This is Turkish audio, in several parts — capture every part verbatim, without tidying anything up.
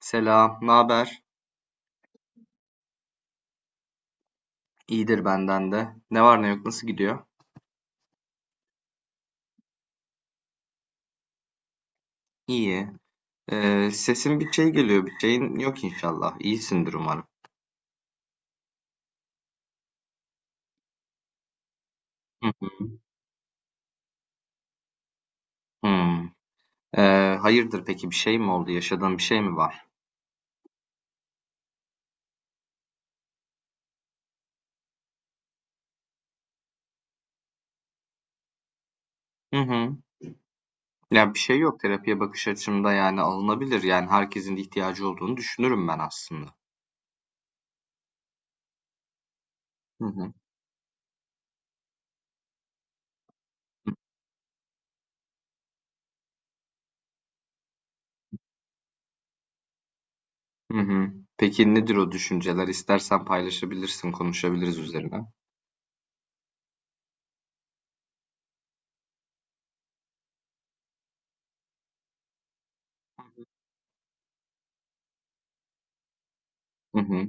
Selam, ne haber? İyidir benden de. Ne var ne yok, nasıl gidiyor? İyi. Ee, sesin bir şey geliyor, bir şeyin yok inşallah. İyisindir umarım. Hı hı. Hmm. Ee, hayırdır peki bir şey mi oldu? Yaşadığın bir şey mi var? Hı hı. Ya bir şey yok terapiye bakış açımda yani alınabilir. Yani herkesin de ihtiyacı olduğunu düşünürüm ben aslında. Hı hı. Hı hı. Peki nedir o düşünceler? İstersen paylaşabilirsin, konuşabiliriz üzerine. Hı hı.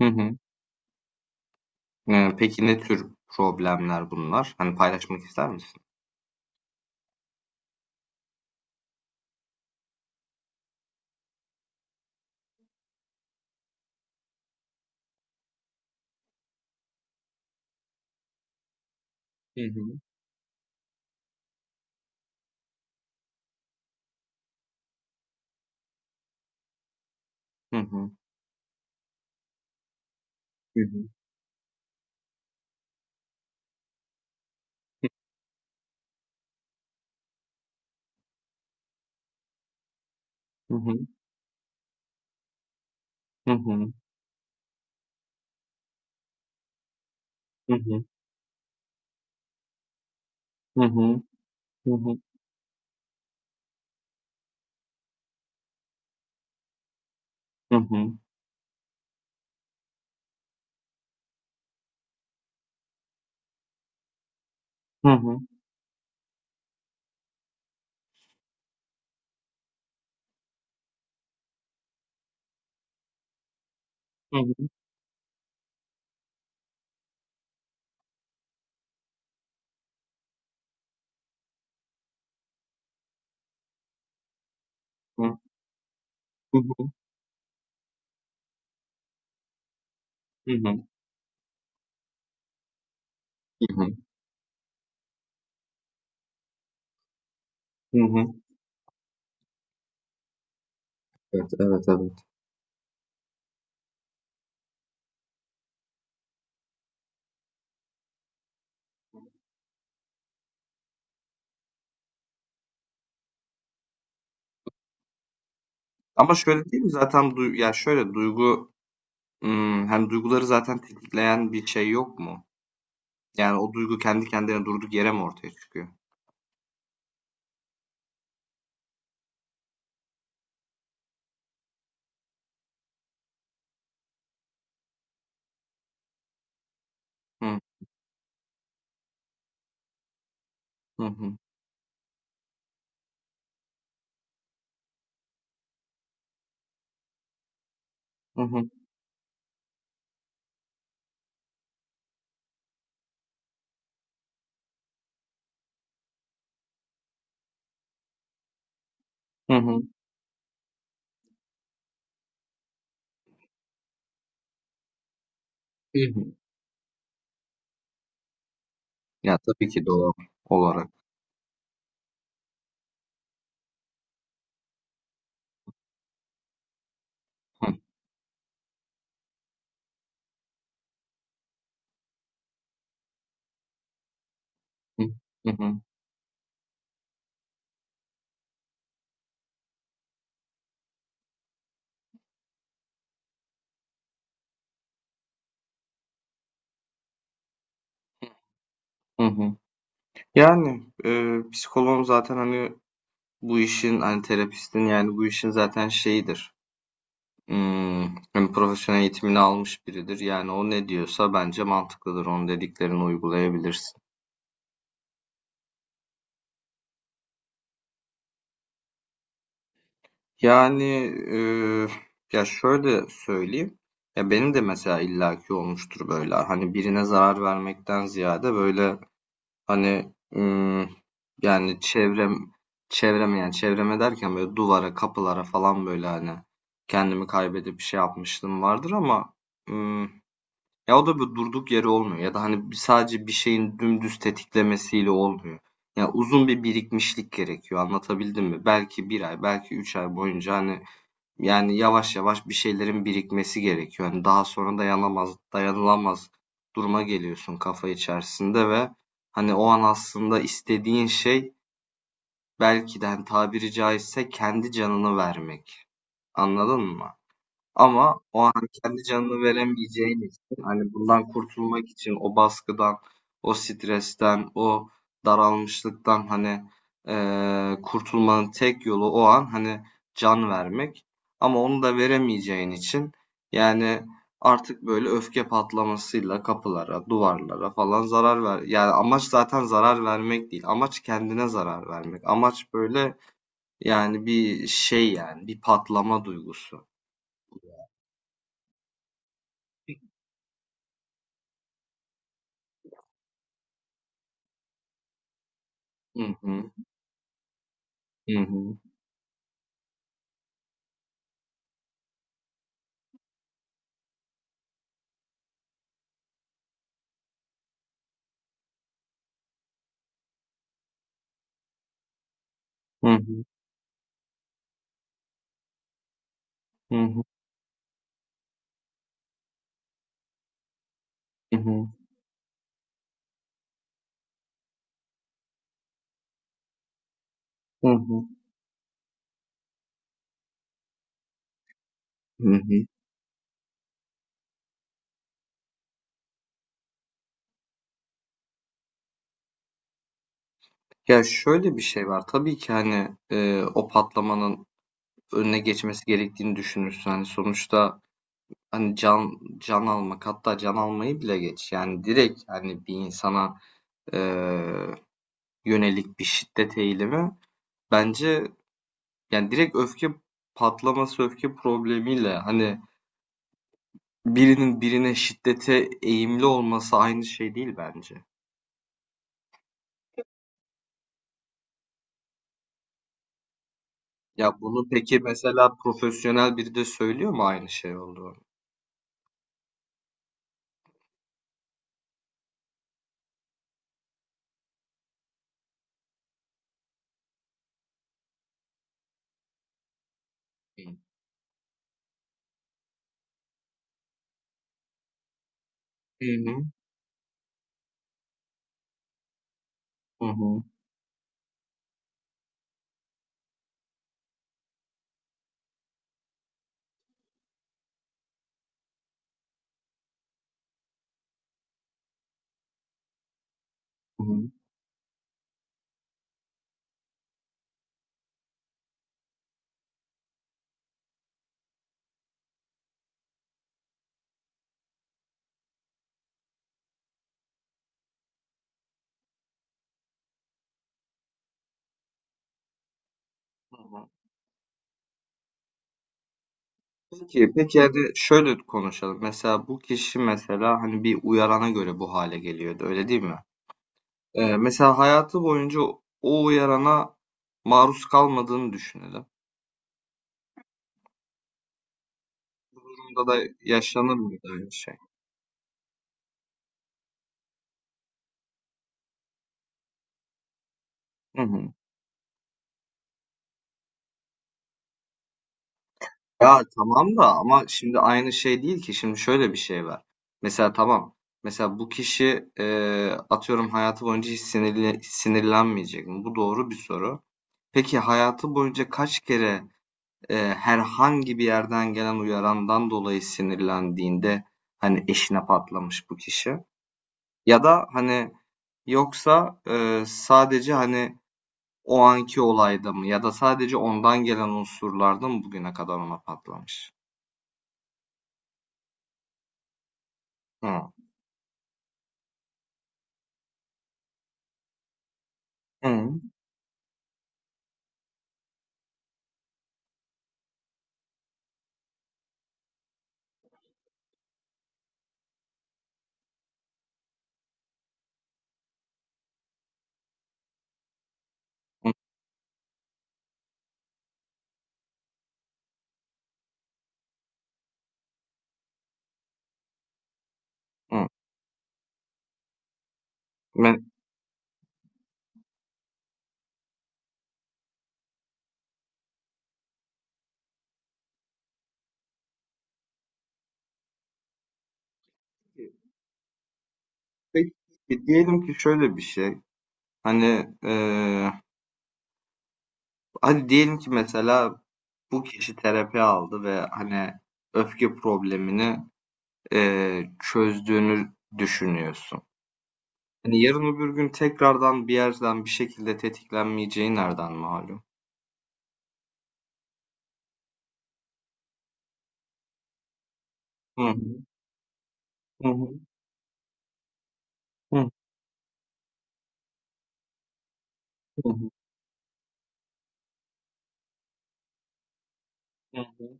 Hı hı. Hıı, peki ne tür problemler bunlar? Hani, paylaşmak ister misin? Hı hı. Hı hı. Hı hı. Hı. Hı hı. Hı hı. Hı hı. Hı hı. Hı hı. Hı hı. Hı hı. Hı hı. Hı. Hı hı. Hı hı. Hı hı. Evet, evet, evet. Ama şöyle değil mi zaten du ya, şöyle duygu, ımm, hani, duyguları zaten tetikleyen bir şey yok mu? Yani, o duygu kendi kendine durduk yere mi ortaya çıkıyor? Hı hı. Hı hı. Hı hı. Hı hı. Ya, tabii ki doğal olarak. Hı hı. Hı hı. Hı hı. Yani, eee, psikoloğun zaten, hani, bu işin, hani, terapistin, yani, bu işin zaten şeyidir, ımm, hani, profesyonel eğitimini almış biridir. Yani, o ne diyorsa bence mantıklıdır. Onun dediklerini uygulayabilirsin. Yani, eee, ya, şöyle söyleyeyim, ya, benim de mesela illaki olmuştur böyle, hani, birine zarar vermekten ziyade, böyle, hani ım, yani çevrem çevreme yani çevreme derken böyle duvara, kapılara falan böyle hani kendimi kaybedip bir şey yapmışlığım vardır ama ım, ya o da bir durduk yeri olmuyor ya da hani bir- sadece bir şeyin dümdüz tetiklemesiyle olmuyor. Ya uzun bir birikmişlik gerekiyor. Anlatabildim mi? Belki bir ay, belki üç ay boyunca hani yani yavaş yavaş bir şeylerin birikmesi gerekiyor. Yani daha sonra dayanamaz, dayanılamaz duruma geliyorsun kafa içerisinde ve hani o an aslında istediğin şey belki de hani tabiri caizse kendi canını vermek. Anladın mı? Ama o an kendi canını veremeyeceğin için hani bundan kurtulmak için o baskıdan, o stresten, o daralmışlıktan hani eee, kurtulmanın tek yolu o an hani can vermek. Ama onu da veremeyeceğin için yani artık böyle öfke patlamasıyla kapılara, duvarlara falan zarar ver. Yani amaç zaten zarar vermek değil. Amaç kendine zarar vermek. Amaç böyle yani bir şey yani bir patlama duygusu. Hı hı. Hı hı. Hı hı. Hı hı. Hı hı. Hı hı. Hı hı. Ya, şöyle bir şey var. Tabii ki, hani, eee, o patlamanın önüne geçmesi gerektiğini düşünürsün. Hani, sonuçta, hani, can can almak, hatta can almayı bile geç, yani, direkt, hani, bir insana, eee, yönelik bir şiddet eğilimi bence, yani, direkt öfke patlaması, öfke problemiyle, hani, birinin birine şiddete eğimli olması aynı şey değil bence. Ya bunu peki mesela profesyonel biri de söylüyor mu aynı şey olduğunu? Hı hı. Hı hı. Hı hı. Hı hı. Peki, peki, hadi şöyle konuşalım. Mesela bu kişi mesela hani bir uyarana göre bu hale geliyordu, öyle değil mi? Ee, mesela hayatı boyunca o uyarana maruz kalmadığını düşünelim. Bu durumda da yaşanır mıydı aynı şey? Ya tamam da ama şimdi aynı şey değil ki. Şimdi şöyle bir şey var. Mesela tamam. Mesela bu kişi eee, atıyorum hayatı boyunca hiç sinirli, sinirlenmeyecek mi? Bu doğru bir soru. Peki hayatı boyunca kaç kere eee, herhangi bir yerden gelen uyarandan dolayı sinirlendiğinde hani eşine patlamış bu kişi? Ya da hani yoksa eee, sadece hani o anki olayda mı? Ya da sadece ondan gelen unsurlarda mı bugüne kadar ona patlamış? Hı. Hı, hı, hı. Ben, peki, diyelim ki şöyle bir şey. Hani eee, hadi diyelim ki mesela bu kişi terapi aldı ve hani öfke problemini eee, çözdüğünü düşünüyorsun. Hani yarın öbür gün tekrardan bir yerden bir şekilde tetiklenmeyeceği nereden malum? Hı hı, hı hı, hı hı, hı hı,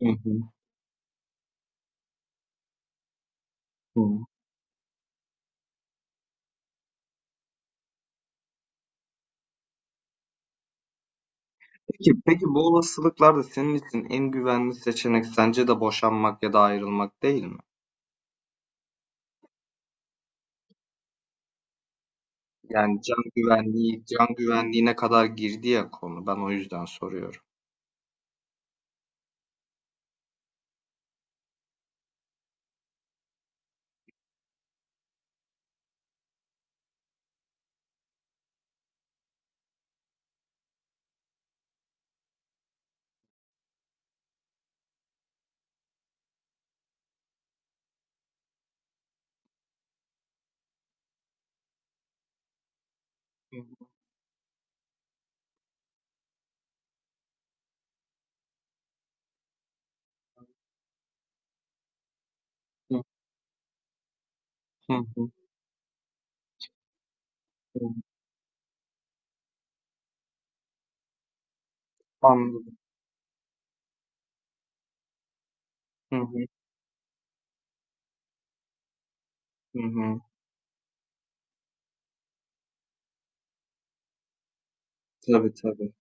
hı hı, hı hı. Peki, peki, bu olasılıklarda senin için en güvenli seçenek sence de boşanmak ya da ayrılmak değil mi? Yani can güvenliği, can güvenliğine kadar girdi ya konu. Ben o yüzden soruyorum. Hı hı, hı hı. Hı. Anladım. Hı hı, hı hı. Tabii, tabii.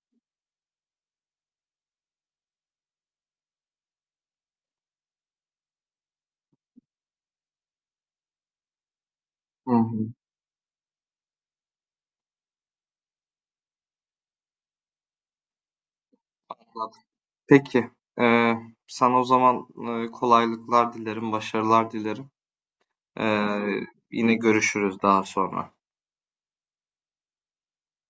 Hı hı. Anladım. Peki. Ee, Sana o zaman e, kolaylıklar dilerim, başarılar dilerim. Ee, Yine görüşürüz daha sonra.